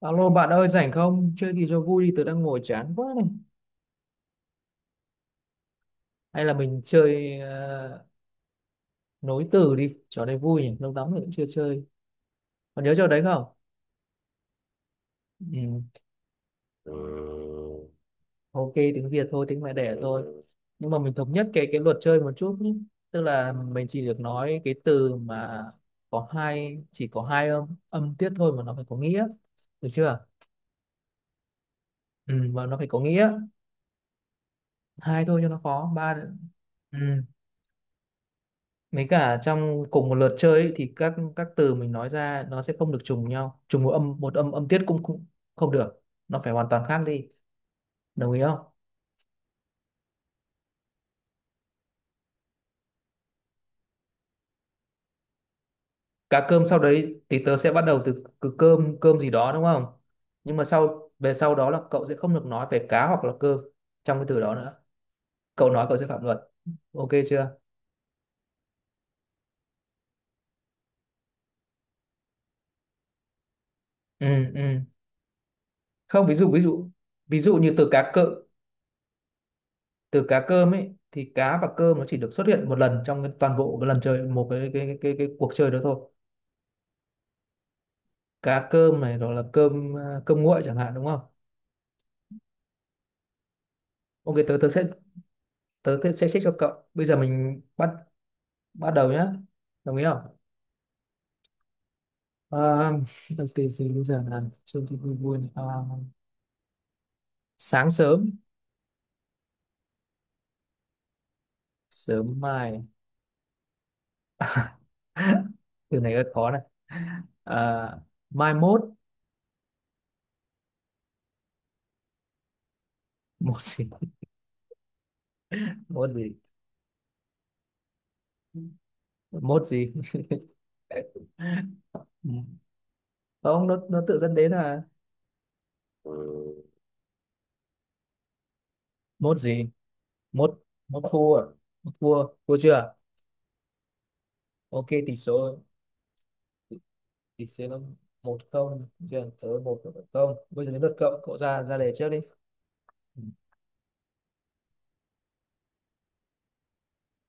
Alo bạn ơi, rảnh không? Chơi gì cho vui đi, tớ đang ngồi chán quá này. Hay là mình chơi nối từ đi, trò này vui nhỉ, lâu lắm rồi cũng chưa chơi. Còn nhớ trò đấy không? Ừ. Ok, tiếng Việt thôi, tiếng mẹ đẻ thôi. Nhưng mà mình thống nhất cái luật chơi một chút nhé. Tức là mình chỉ được nói cái từ mà có hai chỉ có hai âm âm tiết thôi mà nó phải có nghĩa. Được chưa? Ừ, mà nó phải có nghĩa. Hai thôi cho nó khó, ba. Ừ. Mấy cả trong cùng một lượt chơi ấy, thì các từ mình nói ra nó sẽ không được trùng nhau, trùng một âm âm tiết cũng cũng không được, nó phải hoàn toàn khác đi, đồng ý không? Cá cơm, sau đấy thì tớ sẽ bắt đầu từ, từ cơm cơm gì đó đúng không? Nhưng mà về sau đó là cậu sẽ không được nói về cá hoặc là cơm trong cái từ đó nữa, cậu nói cậu sẽ phạm luật, ok chưa? Ừ. ừ không, ví dụ, ví dụ như từ cá cơm, từ cá cơm ấy thì cá và cơm nó chỉ được xuất hiện một lần trong cái toàn bộ cái lần chơi một cái cuộc chơi đó thôi. Cá cơm này rồi là cơm à, cơm nguội chẳng hạn đúng không? Ok, tớ tớ sẽ check cho cậu, bây giờ mình bắt bắt đầu nhá, đồng ý không? à, đầu tiên gì bây giờ là trông thì vui vui này. Sáng sớm, sớm mai, từ này rất khó này. à, mai mốt, mốt gì? Mốt gì? Mốt gì? Không, nó tự dẫn đến là mốt gì, mốt, mốt thua, mốt thua, thua chưa? Ok, tỷ số thì sẽ là một không, chuyển tới một không, bây giờ đến lượt cậu cậu ra ra đề trước đi.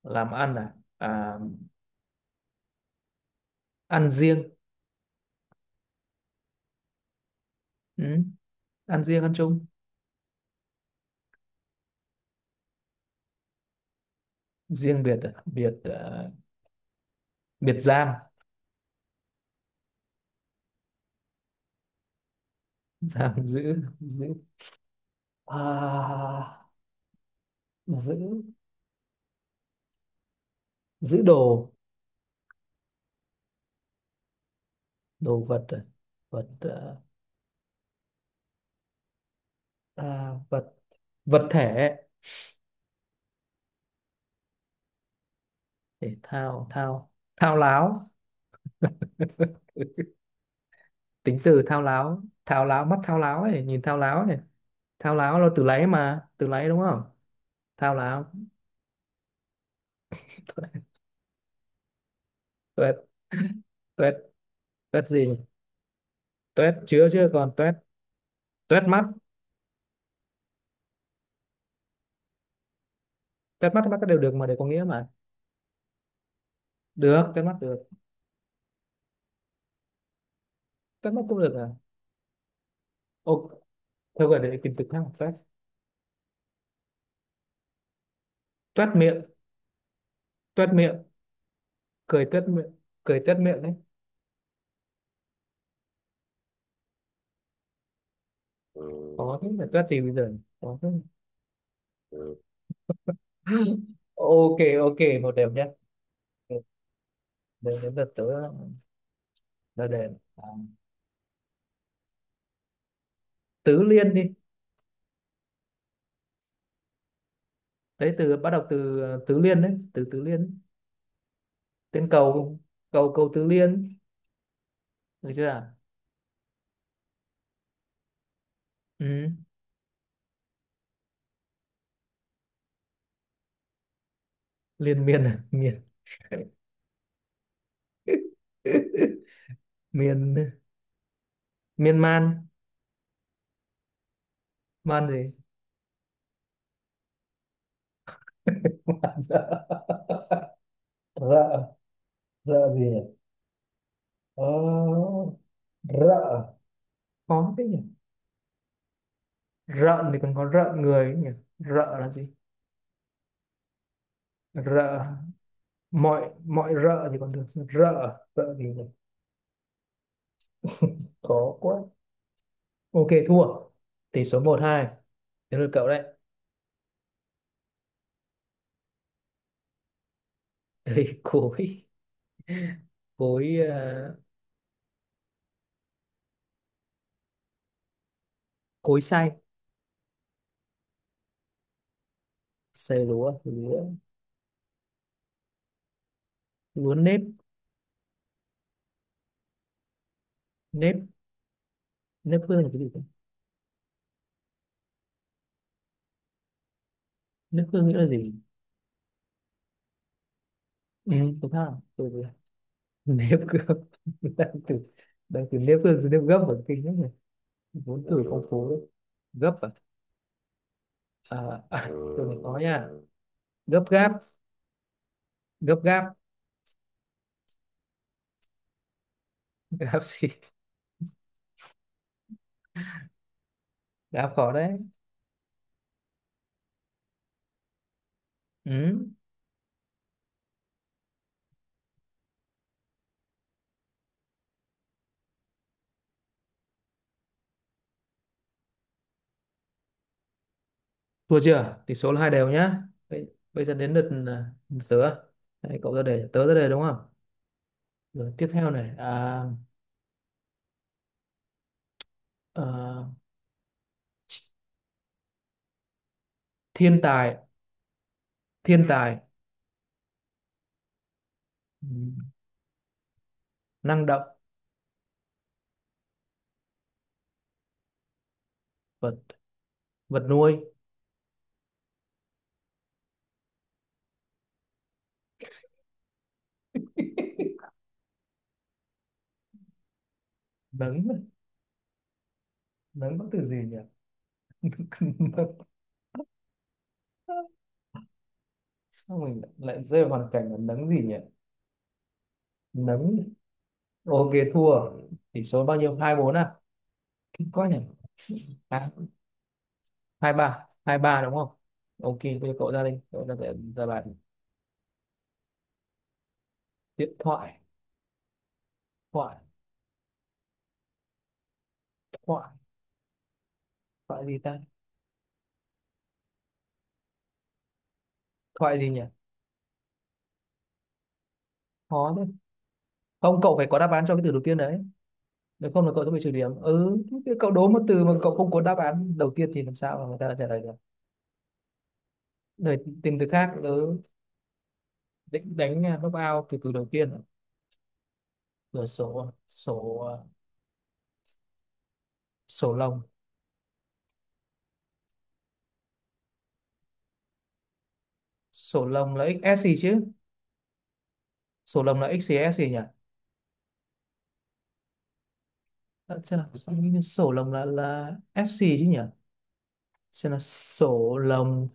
Làm ăn ăn riêng. Ừ. Ăn riêng ăn chung, riêng biệt à? Biệt à, biệt giam. Giam giữ, giữ à, giữ, giữ đồ, đồ vật à? Vật à, à, vật, vật thể, thể thao, thao, thao láo. Tính từ thao láo, thao láo mắt, thao láo ấy, nhìn thao láo này, thao láo là từ láy mà, từ láy đúng không? Thao láo, tuét, tuét, tuét gì nhỉ? Tuét chứa, chứ còn tuét, tuét mắt, tuét mắt, mắt đều được mà, đều có nghĩa mà, được tuét mắt được, tuét mắt cũng được à? Ô, thôi gọi để tìm từ khác mà, tuét, tuét miệng, tuét miệng, cười tuét miệng, cười tuét miệng đấy. Ừ, có thế là tuét gì bây giờ nhỉ? Có thế. Ừ. Ok, ok, một đều nhé. Đến đến lượt tớ ra đề. à, tứ liên đi. Đấy, từ bắt đầu từ tứ liên đấy, từ tứ liên, tên cầu, cầu, cầu tứ liên, được chưa ạ? Ừ. Liên miên à, miên. Miên, miên man, man gì, man rợ, rợ, rợ gì nhỉ? ờ, rợ, khó thế nhỉ, rợn thì còn có rợn người ấy nhỉ, rợ là gì, rợ, mọi, mọi rợ thì còn được, rợ, rợ gì nhỉ, khó quá, ok thua, tỷ số một hai, đến lượt cậu đấy. Đây, cối, cối à, cối xay, xay lúa, lúa, lúa nếp, nếp, nếp hương là cái gì cơ? Nước hương nghĩa là gì? Ừ, đúng không từ, nếp gấp. Đang từ, đang từ nếp hương từ nếp gấp ở kinh lắm này, vốn từ phong phú đấy. Gấp à, à từ này khó nha. Gấp gáp, gấp gáp, gáp gì, gáp khó đấy. Ừ. Thua chưa, tỷ số là hai đều nhá. bây, bây giờ đến lượt lượt tớ. Đấy, cậu ra đề tớ ra đề đúng không, rồi tiếp theo này à, thiên tài, thiên tài. Ừ, năng động, vật, vật nuôi, nấng, nấng có từ gì nhỉ? Sao mình lại rơi vào hoàn cảnh là nấng gì nhỉ, nấng, ok thua, tỷ số bao nhiêu, hai bốn à, kinh quá nhỉ. à, hai ba, hai ba đúng không? Ok, bây giờ cậu ra đi, cậu ra để ra bàn. Điện thoại, thoại, thoại, thoại gì ta, thoại gì nhỉ, khó thế, không cậu phải có đáp án cho cái từ đầu tiên đấy, nếu không là cậu sẽ bị trừ điểm, ừ thế cậu đố một từ mà cậu không có đáp án đầu tiên thì làm sao mà người ta trả lời được. Rồi tìm từ khác, ừ định đánh knock out từ từ đầu tiên à? Rồi, sổ à? Sổ à, sổ lồng, sổ lồng là XS gì chứ, sổ lồng là X gì S gì nhỉ? Xem nào, sao nghĩ sổ lồng là S gì chứ nhỉ, xem nào sổ lồng.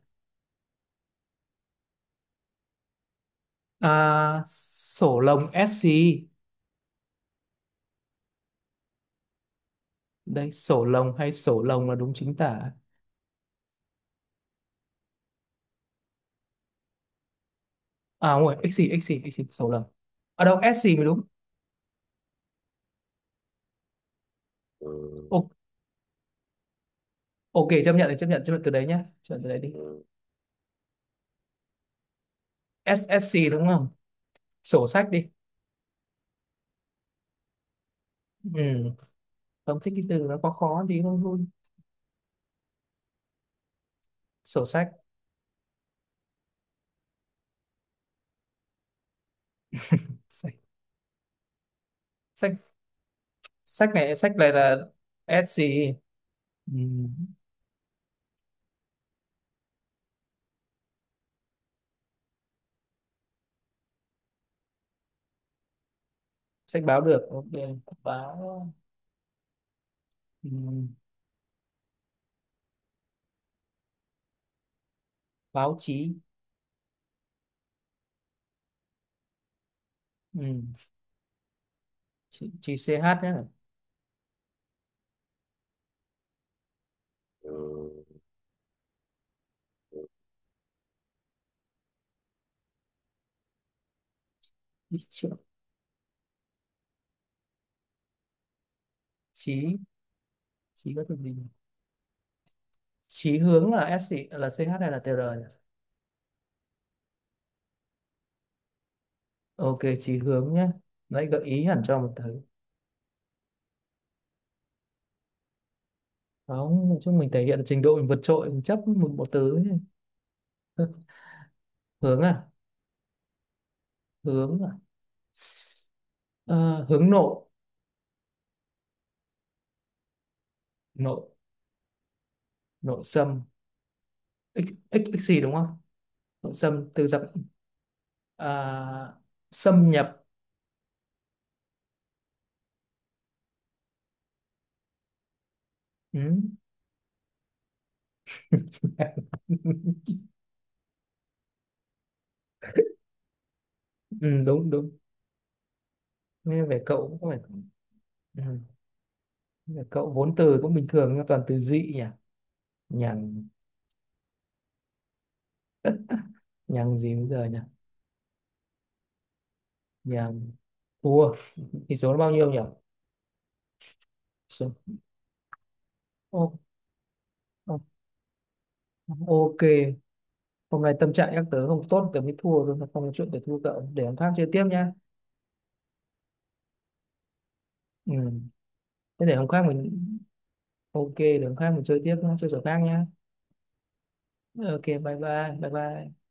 Sổ lồng S gì. Đây, sổ lồng hay sổ lồng là đúng chính tả, à không rồi X gì X gì X gì sổ lồng ở đâu S gì mới đúng. Ừ, O- ok chấp nhận thì chấp nhận, chấp nhận từ đấy nhá, chấp nhận từ đấy đi. Ừ. SSC đúng không, sổ sách đi. Ừ. Không thích cái từ nó có khó khó thì không vui. Sổ sách, sách, sách. Sách này sách này là SC. Ừ. Sách báo được ok, báo. Ừ. Báo chí. Ừ. Chí, chí CH nhé. Ừ. Ý chữ- chí, chí có từ gì nhỉ? Chí hướng là ét gì, là CH hay là TR nhỉ? Ok chí hướng nhé, lấy gợi ý hẳn cho một thứ. Không, nói chung mình thể hiện trình độ mình vượt trội, mình chấp một một từ ấy. Hướng à, hướng à, Ờ, hướng nội, nội, nội xâm, x, x gì đúng không, nội xâm từ dập, à, xâm nhập. Ừ. Ừ, đúng, đúng, nghe về cậu cũng phải. Ừ. Về cậu vốn từ cũng bình thường nhưng toàn từ dị nhỉ, nhằng, nhằng gì bây giờ nhỉ, nhằng thua, tỷ số nó bao nhiêu nhỉ. Số- ô, ô, ok, hôm nay tâm trạng các tớ không tốt tớ mới thua thôi, không có chuyện để thua cậu, để hôm khác chơi tiếp nhá. Ừ. Thế để hôm khác mình, ok để hôm khác mình chơi tiếp nhá, chơi trò khác nhá, ok bye bye bye bye.